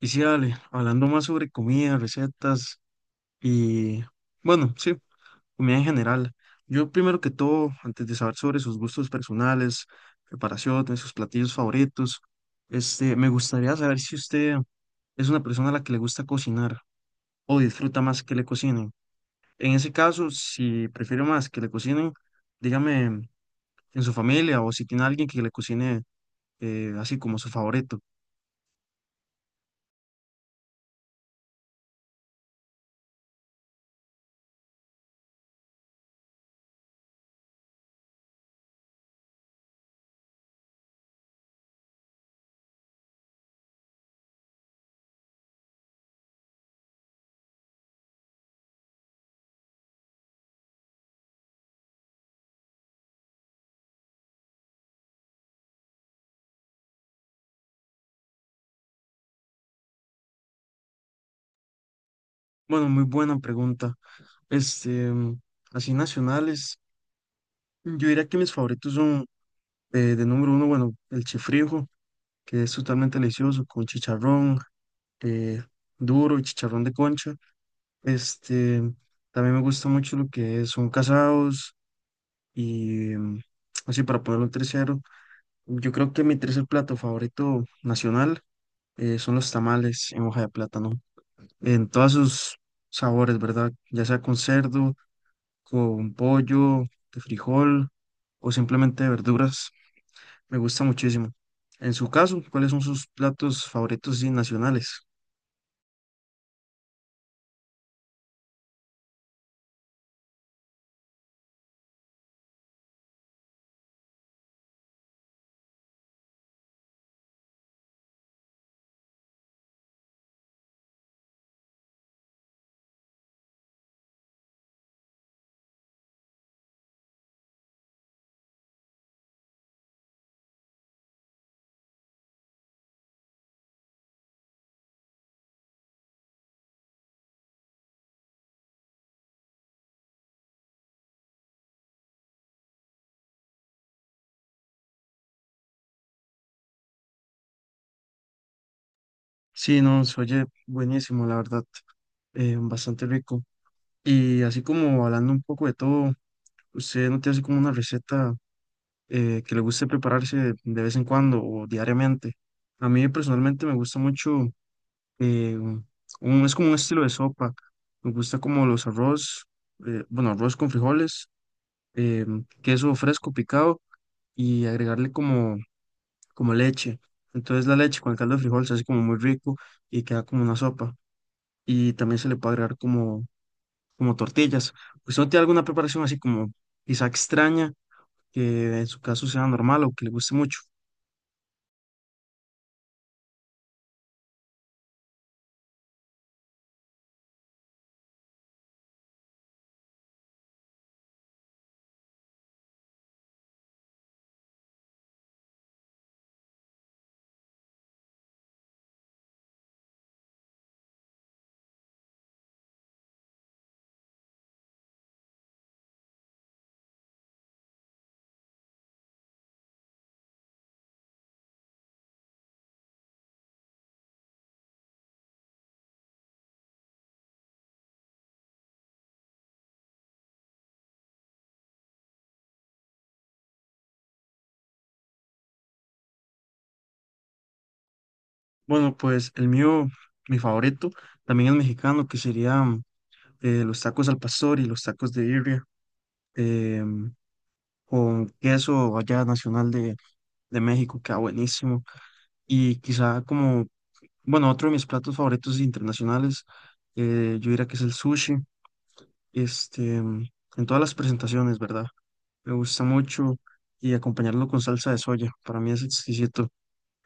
Y sí, Ale, hablando más sobre comida, recetas y, bueno, sí, comida en general. Yo primero que todo, antes de saber sobre sus gustos personales, preparaciones, sus platillos favoritos, me gustaría saber si usted es una persona a la que le gusta cocinar o disfruta más que le cocinen. En ese caso, si prefiere más que le cocinen, dígame en su familia o si tiene alguien que le cocine, así como su favorito. Bueno, muy buena pregunta. Este, así nacionales, yo diría que mis favoritos son, de número uno, bueno, el chifrijo, que es totalmente delicioso, con chicharrón eh, duro y chicharrón de concha. Este, también me gusta mucho lo que son casados y así para ponerlo en tercero. Yo creo que mi tercer plato favorito nacional, son los tamales en hoja de plátano, en todos sus sabores, ¿verdad? Ya sea con cerdo, con pollo, de frijol o simplemente de verduras. Me gusta muchísimo. En su caso, ¿cuáles son sus platos favoritos y nacionales? Sí, no, se oye buenísimo, la verdad, bastante rico. Y así como hablando un poco de todo, ¿usted no tiene así como una receta, que le guste prepararse de vez en cuando o diariamente? A mí personalmente me gusta mucho, eh, es como un estilo de sopa, me gusta como los arroz, bueno, arroz con frijoles, queso fresco picado y agregarle como leche. Entonces la leche con el caldo de frijol se hace como muy rico y queda como una sopa. Y también se le puede agregar como tortillas. ¿Usted no tiene alguna preparación así como quizá extraña que en su caso sea normal o que le guste mucho? Bueno, pues el mío, mi favorito, también es mexicano, que serían, los tacos al pastor y los tacos de birria, em, con queso allá nacional de México, queda buenísimo. Y quizá como, bueno, otro de mis platos favoritos internacionales, yo diría que es el sushi, este, mm, en todas las presentaciones, ¿verdad? Me gusta mucho y acompañarlo con salsa de soya, para mí es exquisito.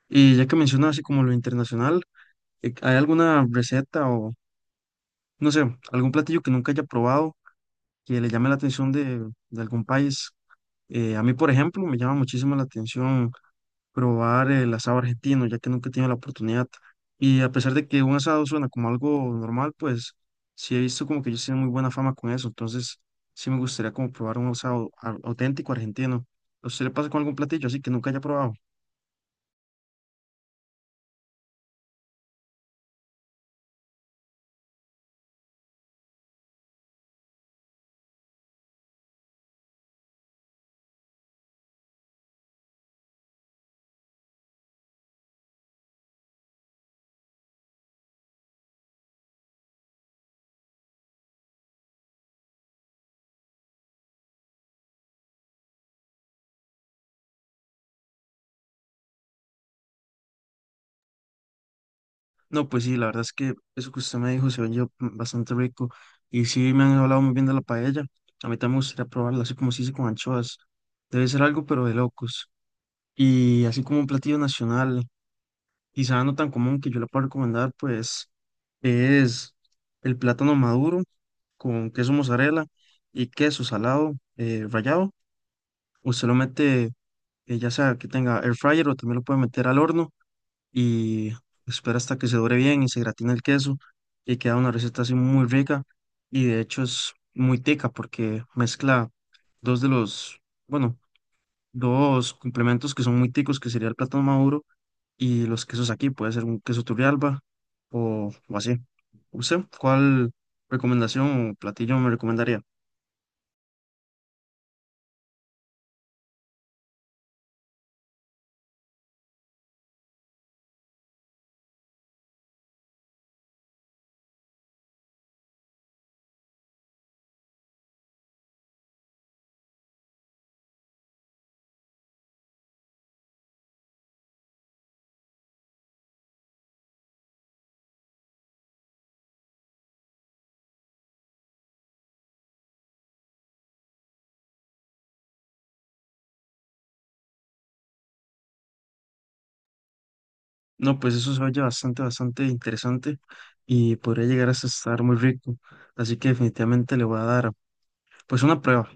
Y ya que mencionas así como lo internacional, ¿hay alguna receta o, no sé, algún platillo que nunca haya probado que le llame la atención de algún país? A mí, por ejemplo, me llama muchísimo la atención probar el asado argentino, ya que nunca he tenido la oportunidad. Y a pesar de que un asado suena como algo normal, pues sí he visto como que ellos tienen muy buena fama con eso. Entonces sí me gustaría como probar un asado auténtico argentino. ¿A usted le pasa con algún platillo así que nunca haya probado? No, pues sí, la verdad es que eso que usted me dijo se oye, bastante rico. Y sí me han hablado muy bien de la paella. A mí también me gustaría probarla, así como se dice con anchoas. Debe ser algo, pero de locos. Y así como un platillo nacional, quizá no tan común que yo le pueda recomendar, pues es el plátano maduro con queso mozzarella y queso salado, rallado. Usted lo mete, ya sea que tenga air fryer o también lo puede meter al horno y espera hasta que se dore bien y se gratina el queso y queda una receta así muy rica y de hecho es muy tica porque mezcla dos de los, bueno, dos complementos que son muy ticos, que sería el plátano maduro y los quesos aquí puede ser un queso Turrialba o así. ¿Usted cuál recomendación o platillo me recomendaría? No, pues eso se oye bastante, bastante interesante y podría llegar hasta estar muy rico. Así que definitivamente le voy a dar pues una prueba.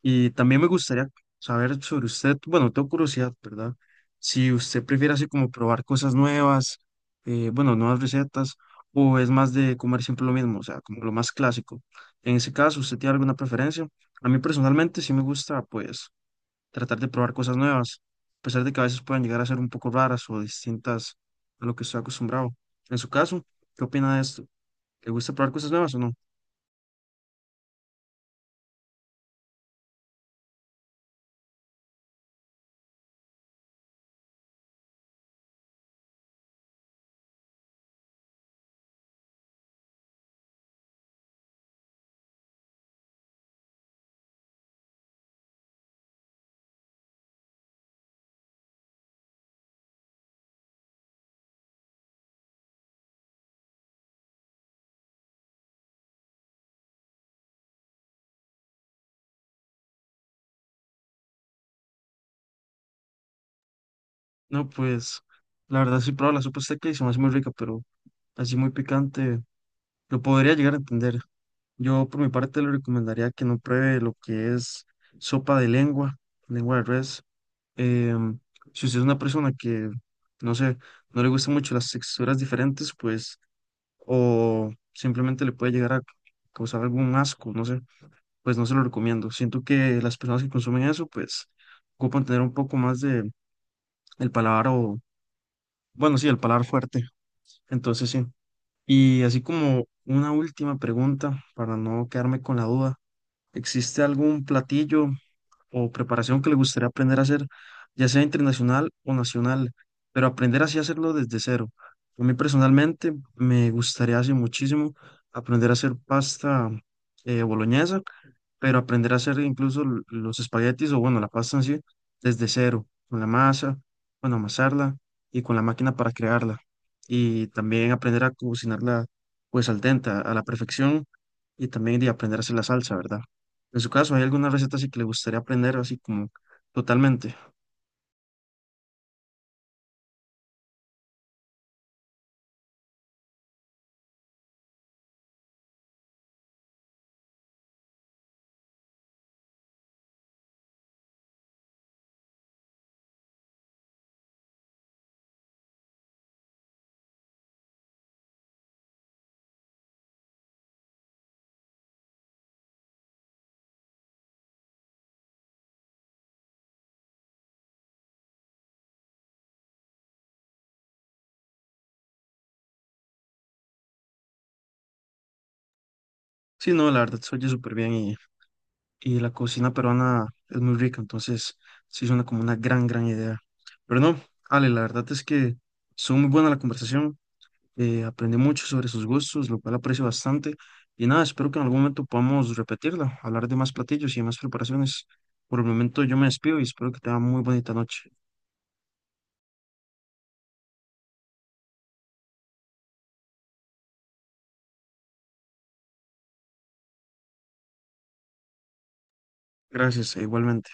Y también me gustaría saber sobre usted, bueno, tengo curiosidad, ¿verdad? Si usted prefiere así como probar cosas nuevas, bueno, nuevas recetas, o es más de comer siempre lo mismo, o sea, como lo más clásico. En ese caso, ¿usted tiene alguna preferencia? A mí personalmente sí me gusta, pues, tratar de probar cosas nuevas, a pesar de que a veces puedan llegar a ser un poco raras o distintas a lo que estoy acostumbrado. En su caso, ¿qué opina de esto? ¿Le gusta probar cosas nuevas o no? No, pues la verdad sí, probé la sopa azteca y se me hace muy rica, pero así muy picante, lo podría llegar a entender. Yo por mi parte le recomendaría que no pruebe lo que es sopa de lengua, lengua de res. Em, si usted es una persona que, no sé, no le gustan mucho las texturas diferentes, pues, o simplemente le puede llegar a causar algún asco, no sé, pues no se lo recomiendo. Siento que las personas que consumen eso, pues, ocupan tener un poco más de el paladar o, bueno, sí, el paladar fuerte. Entonces sí. Y así como una última pregunta, para no quedarme con la duda, ¿existe algún platillo o preparación que le gustaría aprender a hacer, ya sea internacional o nacional, pero aprender así a hacerlo desde cero? A mí personalmente me gustaría hace muchísimo aprender a hacer pasta, boloñesa, pero aprender a hacer incluso los espaguetis o bueno, la pasta en sí desde cero, con la masa, bueno, amasarla y con la máquina para crearla. Y también aprender a cocinarla pues al dente, a la perfección y también de aprender a hacer la salsa, ¿verdad? En su caso, ¿hay alguna receta así que le gustaría aprender así como totalmente? Sí, no, la verdad se oye súper bien y la cocina peruana es muy rica, entonces sí suena como una gran, gran idea. Pero no, Ale, la verdad es que estuvo muy buena la conversación, aprendí mucho sobre sus gustos, lo cual aprecio bastante y nada, espero que en algún momento podamos repetirla, hablar de más platillos y de más preparaciones. Por el momento yo me despido y espero que tenga muy bonita noche. Gracias, e igualmente.